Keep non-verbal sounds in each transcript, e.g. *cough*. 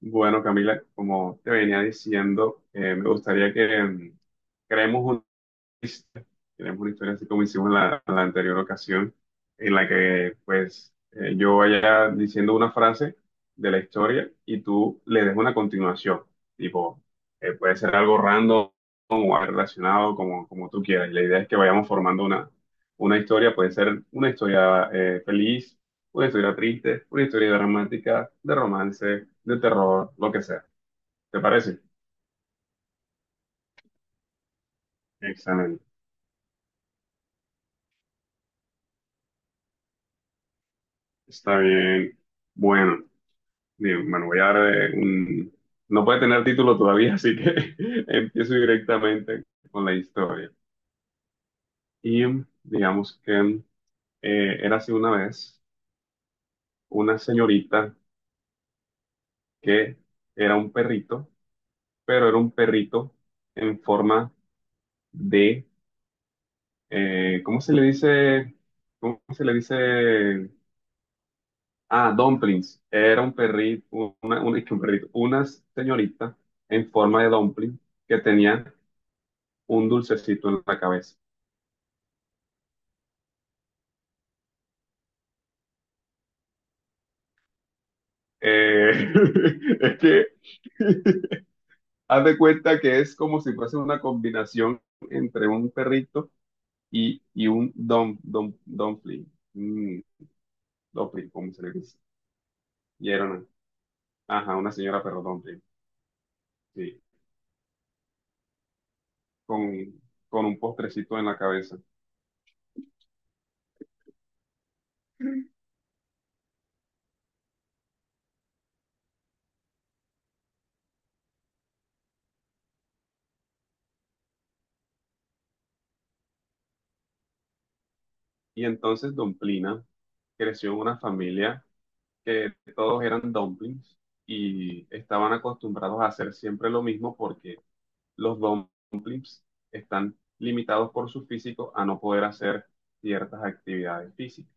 Bueno, Camila, como te venía diciendo, me gustaría que creemos tenemos una historia así como hicimos la anterior ocasión, en la que pues yo vaya diciendo una frase de la historia y tú le des una continuación. Tipo, puede ser algo random o algo relacionado como tú quieras. Y la idea es que vayamos formando una historia. Puede ser una historia feliz, una historia triste, una historia dramática, de romance, de terror, lo que sea. ¿Te parece? Excelente. Está bien. Bueno. Bien, bueno, voy a eh, un... No puede tener título todavía, así que *laughs* empiezo directamente con la historia. Y digamos que era así una vez una señorita que era un perrito, pero era un perrito en forma de, ¿cómo se le dice? ¿Cómo se le dice? Ah, dumplings. Era un perrito, *laughs* un perrito, una señorita en forma de dumpling que tenía un dulcecito en la cabeza. Eh, *laughs* es que *laughs* haz de cuenta que es como si fuese una combinación entre un perrito y un dumpling. Mm, dumpling, ¿cómo se le dice? Y era ajá, una señora perro dumpling, sí, con, con un postrecito en la cabeza. Y entonces Domplina creció en una familia que todos eran dumplings y estaban acostumbrados a hacer siempre lo mismo porque los domplips están limitados por su físico a no poder hacer ciertas actividades físicas.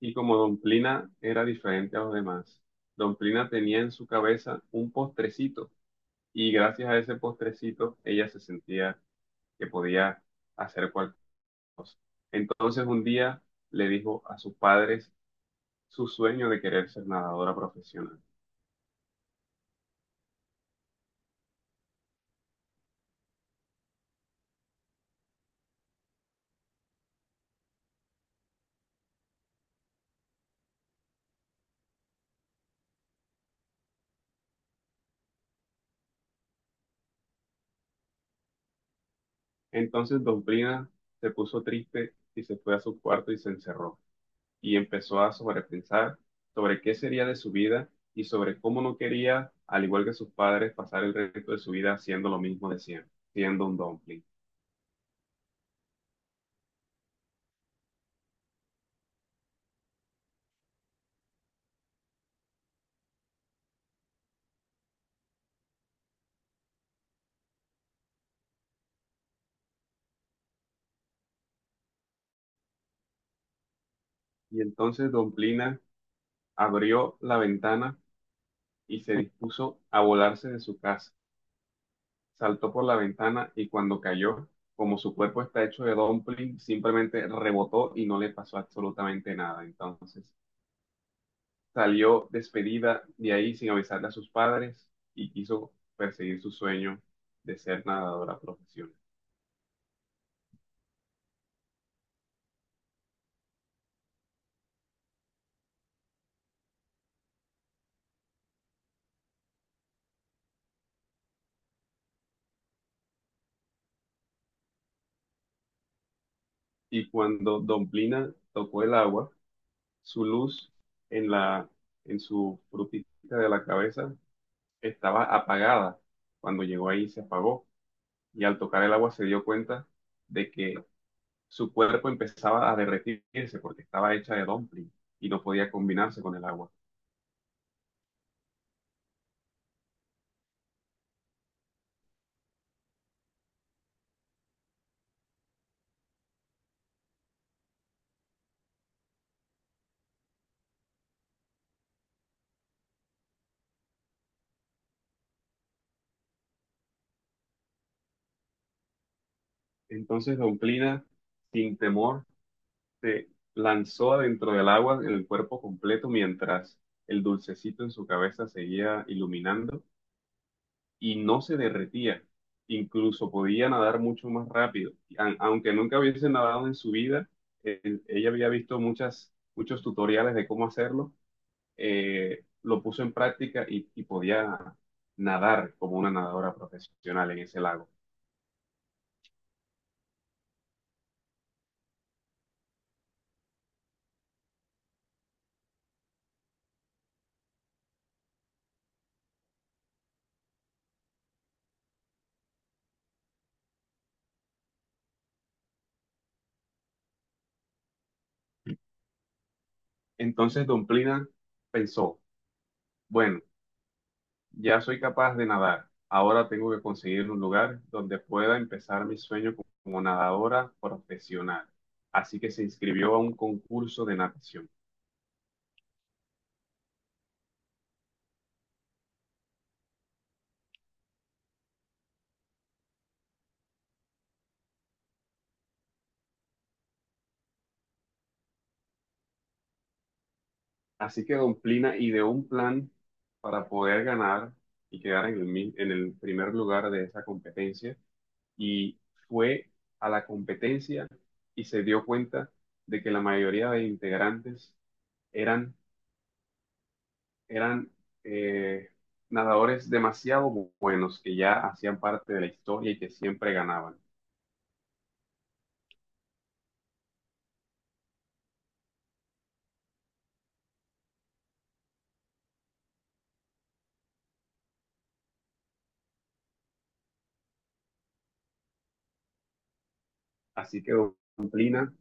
Y como Domplina era diferente a los demás, Domplina tenía en su cabeza un postrecito y gracias a ese postrecito ella se sentía que podía hacer cualquier cosa. Entonces un día le dijo a sus padres su sueño de querer ser nadadora profesional. Entonces Domplina se puso triste y se fue a su cuarto y se encerró. Y empezó a sobrepensar sobre qué sería de su vida y sobre cómo no quería, al igual que sus padres, pasar el resto de su vida haciendo lo mismo de siempre, siendo un dumpling. Y entonces Domplina abrió la ventana y se dispuso a volarse de su casa. Saltó por la ventana y cuando cayó, como su cuerpo está hecho de dumpling, simplemente rebotó y no le pasó absolutamente nada. Entonces, salió despedida de ahí sin avisarle a sus padres y quiso perseguir su sueño de ser nadadora profesional. Y cuando Domplina tocó el agua, su luz en la, en su frutita de la cabeza estaba apagada. Cuando llegó ahí se apagó y al tocar el agua se dio cuenta de que su cuerpo empezaba a derretirse porque estaba hecha de dumpling y no podía combinarse con el agua. Entonces Domplina, sin temor, se lanzó adentro del agua en el cuerpo completo mientras el dulcecito en su cabeza seguía iluminando y no se derretía. Incluso podía nadar mucho más rápido. Aunque nunca hubiese nadado en su vida, ella había visto muchos tutoriales de cómo hacerlo. Lo puso en práctica y podía nadar como una nadadora profesional en ese lago. Entonces, Don Plina pensó, bueno, ya soy capaz de nadar. Ahora tengo que conseguir un lugar donde pueda empezar mi sueño como nadadora profesional. Así que se inscribió a un concurso de natación. Así que Don Plina ideó un plan para poder ganar y quedar en en el primer lugar de esa competencia. Y fue a la competencia y se dio cuenta de que la mayoría de integrantes eran eran eh, nadadores demasiado buenos que ya hacían parte de la historia y que siempre ganaban. Así que Dumplina,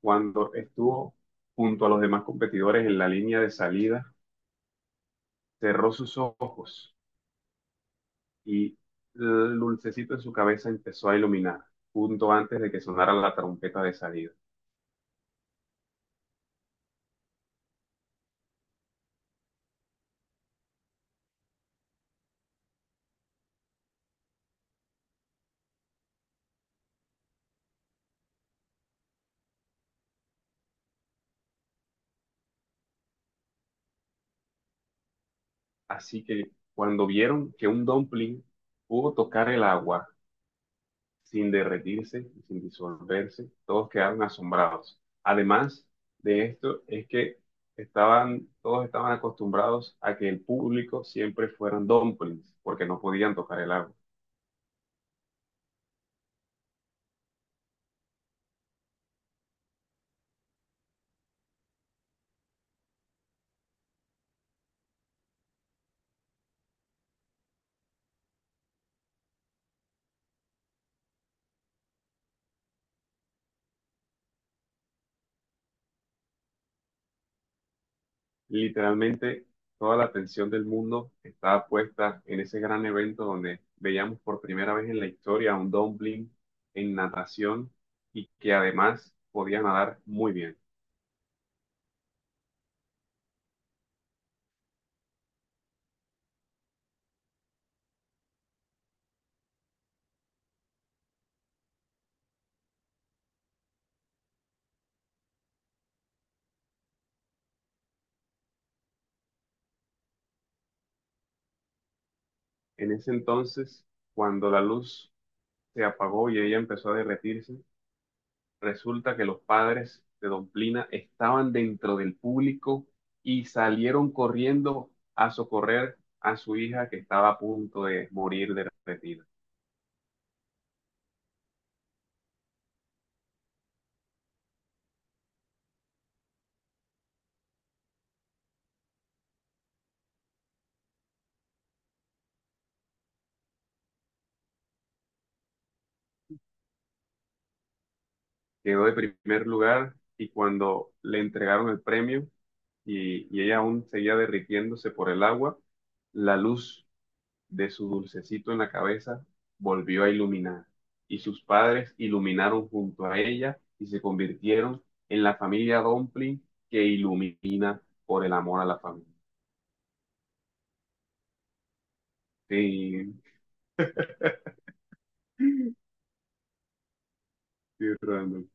cuando estuvo junto a los demás competidores en la línea de salida, cerró sus ojos y el dulcecito en su cabeza empezó a iluminar, junto antes de que sonara la trompeta de salida. Así que cuando vieron que un dumpling pudo tocar el agua, sin derretirse, sin disolverse, todos quedaron asombrados. Además de esto, es que todos estaban acostumbrados a que el público siempre fueran dumplings, porque no podían tocar el agua. Literalmente, toda la atención del mundo estaba puesta en ese gran evento donde veíamos por primera vez en la historia a un dumpling en natación y que además podía nadar muy bien. En ese entonces, cuando la luz se apagó y ella empezó a derretirse, resulta que los padres de Don Plina estaban dentro del público y salieron corriendo a socorrer a su hija que estaba a punto de morir de retina. Quedó de primer lugar y cuando le entregaron el premio y ella aún seguía derritiéndose por el agua, la luz de su dulcecito en la cabeza volvió a iluminar, y sus padres iluminaron junto a ella y se convirtieron en la familia Dumpling que ilumina por el amor a la familia. Sí, sí, Randall.